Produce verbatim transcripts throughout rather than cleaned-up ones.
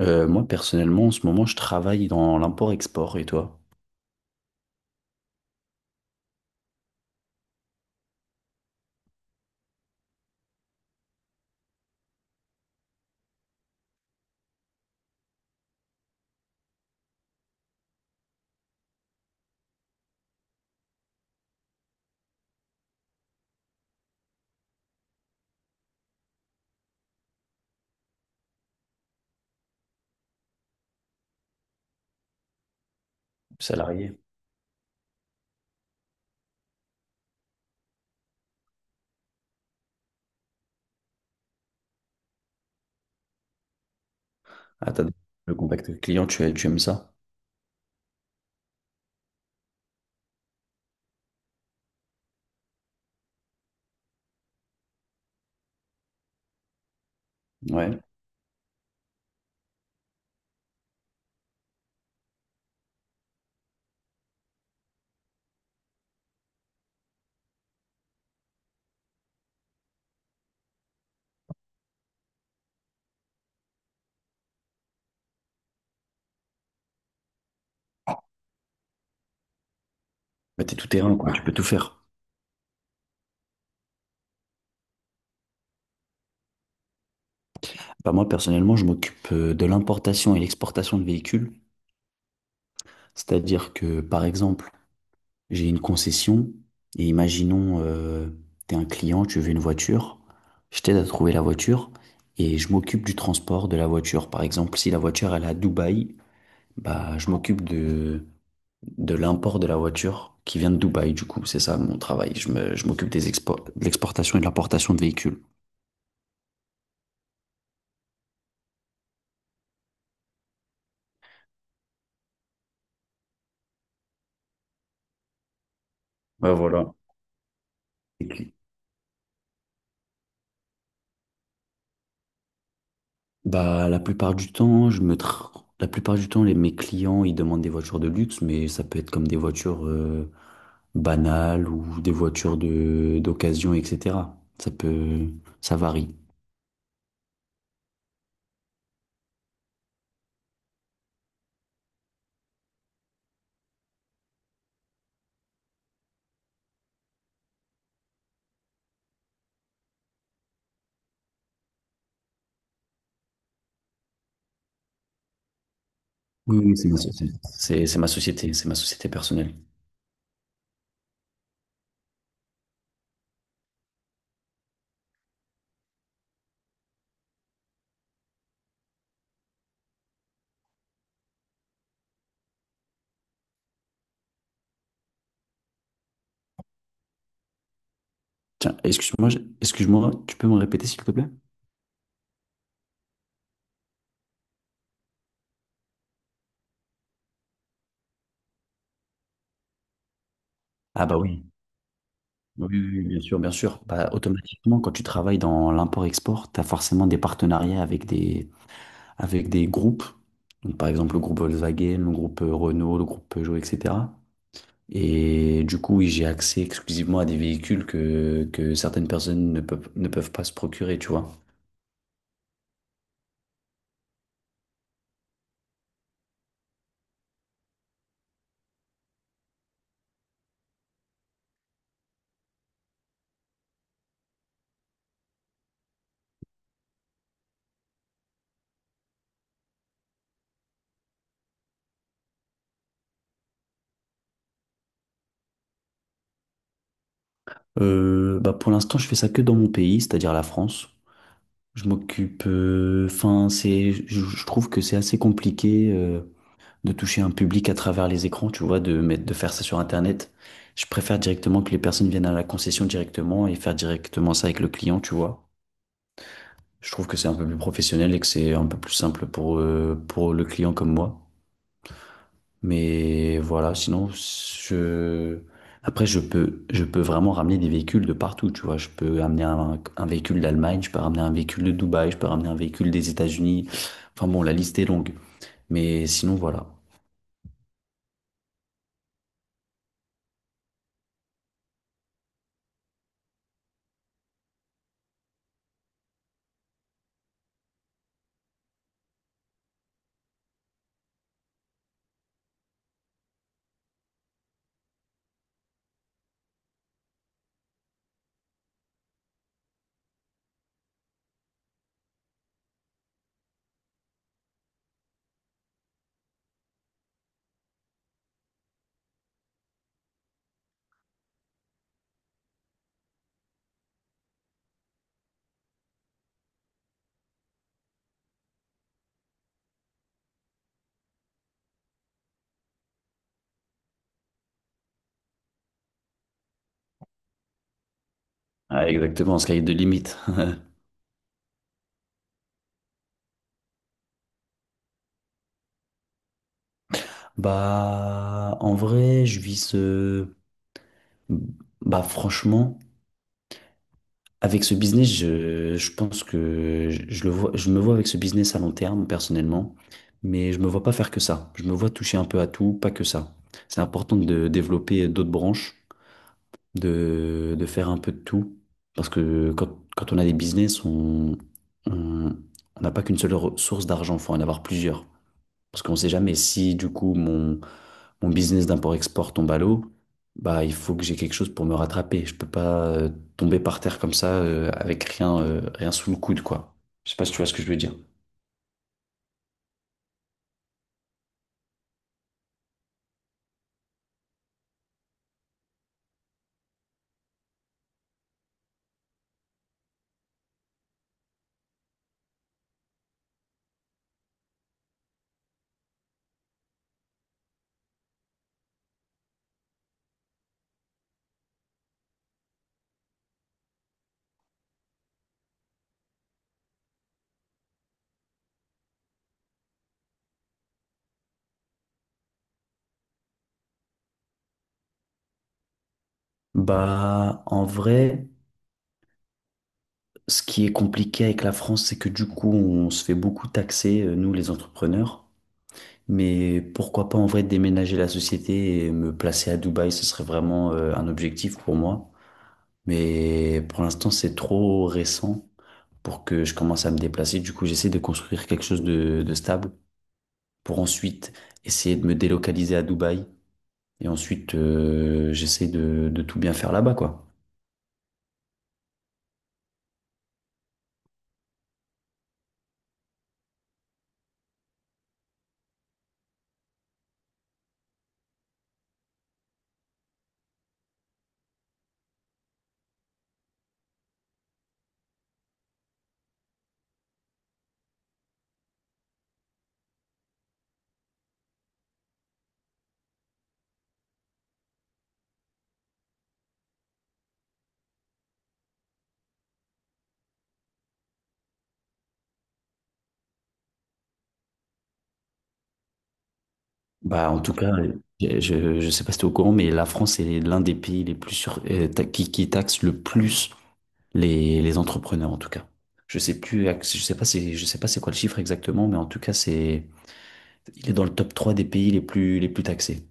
Euh, moi, personnellement, en ce moment, je travaille dans l'import-export. Et toi, salarié? Ah, t'as le contact client, tu, aimes- tu aimes ça? Ouais. Bah, t'es tout terrain, quoi. Tu peux tout faire. Bah, moi, personnellement, je m'occupe euh, de l'importation et l'exportation de véhicules. C'est-à-dire que, par exemple, j'ai une concession et imaginons, euh, t'es un client, tu veux une voiture. Je t'aide à trouver la voiture et je m'occupe du transport de la voiture. Par exemple, si la voiture, elle est à Dubaï, bah, je m'occupe de de l'import de la voiture qui vient de Dubaï, du coup, c'est ça mon travail. Je me, je m'occupe des expo- de l'exportation et de l'importation de véhicules. Ouais, voilà. Et puis, bah, la plupart du temps, je me tra- la plupart du temps, les, mes clients, ils demandent des voitures de luxe, mais ça peut être comme des voitures euh, banales ou des voitures de d'occasion, et cetera. Ça peut, ça varie. Oui, oui, c'est ma société. C'est c'est ma société, c'est ma société personnelle. Tiens, excuse-moi, je- excuse-moi, tu peux me répéter s'il te plaît? Ah bah oui. Oui, oui, oui, bien sûr, bien sûr. Bah, automatiquement, quand tu travailles dans l'import-export, tu as forcément des partenariats avec des, avec des groupes. Donc, par exemple, le groupe Volkswagen, le groupe euh, Renault, le groupe Peugeot, et cetera. Et du coup, oui, j'ai accès exclusivement à des véhicules que, que certaines personnes ne peuvent, ne peuvent pas se procurer, tu vois. Euh, bah, pour l'instant, je fais ça que dans mon pays, c'est-à-dire la France. Je m'occupe, euh, enfin, c'est, je, je trouve que c'est assez compliqué euh, de toucher un public à travers les écrans, tu vois, de mettre, de faire ça sur Internet. Je préfère directement que les personnes viennent à la concession directement et faire directement ça avec le client, tu vois. Je trouve que c'est un peu plus professionnel et que c'est un peu plus simple pour, euh, pour le client comme moi. Mais voilà, sinon, je... Après, je peux, je peux vraiment ramener des véhicules de partout, tu vois. Je peux amener un, un véhicule d'Allemagne, je peux ramener un véhicule de Dubaï, je peux ramener un véhicule des États-Unis. Enfin bon, la liste est longue. Mais sinon, voilà. Ah, exactement, sky de limite. Bah, en vrai, je vis ce... Bah, franchement, avec ce business, je, je pense que je, je le vois, je me vois avec ce business à long terme, personnellement, mais je me vois pas faire que ça. Je me vois toucher un peu à tout, pas que ça. C'est important de développer d'autres branches, de, de faire un peu de tout, parce que quand, quand on a des business, on, on, on n'a pas qu'une seule re- source d'argent, faut en avoir plusieurs. Parce qu'on sait jamais si, du coup, mon mon business d'import-export tombe à l'eau, bah, il faut que j'ai quelque chose pour me rattraper. Je peux pas euh, tomber par terre comme ça euh, avec rien, euh, rien sous le coude, quoi. Je sais pas si tu vois ce que je veux dire. Bah, en vrai, ce qui est compliqué avec la France, c'est que du coup, on se fait beaucoup taxer, euh, nous, les entrepreneurs. Mais pourquoi pas en vrai déménager la société et me placer à Dubaï, ce serait vraiment euh, un objectif pour moi. Mais pour l'instant, c'est trop récent pour que je commence à me déplacer. Du coup, j'essaie de construire quelque chose de, de stable pour ensuite essayer de me délocaliser à Dubaï. Et ensuite, euh, j'essaie de, de tout bien faire là-bas, quoi. Bah, en tout cas, je, je je sais pas si tu es au courant, mais la France est l'un des pays les plus sur, euh, ta- qui, qui taxe le plus les, les entrepreneurs, en tout cas. Je sais plus, je sais pas c'est, je sais pas c'est quoi le chiffre exactement, mais en tout cas, c'est, il est dans le top trois des pays les plus, les plus taxés.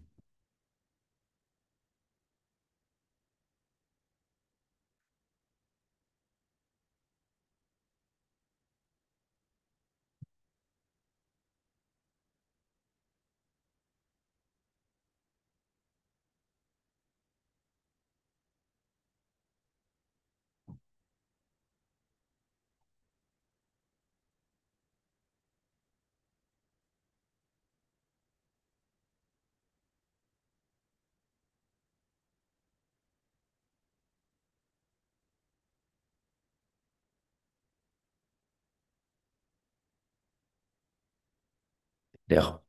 D'ailleurs,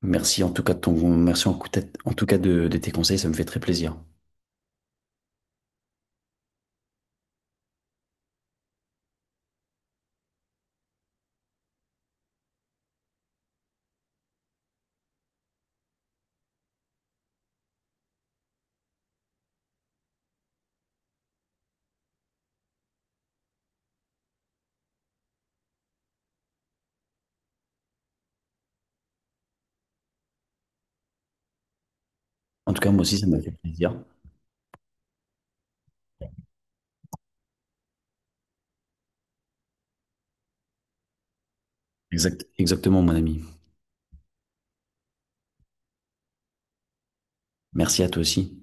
Merci en tout cas de ton, merci en, coup- en tout cas de, de tes conseils, ça me fait très plaisir. En tout cas, moi aussi, ça m'a fait plaisir. Exact, exactement, mon ami. Merci à toi aussi.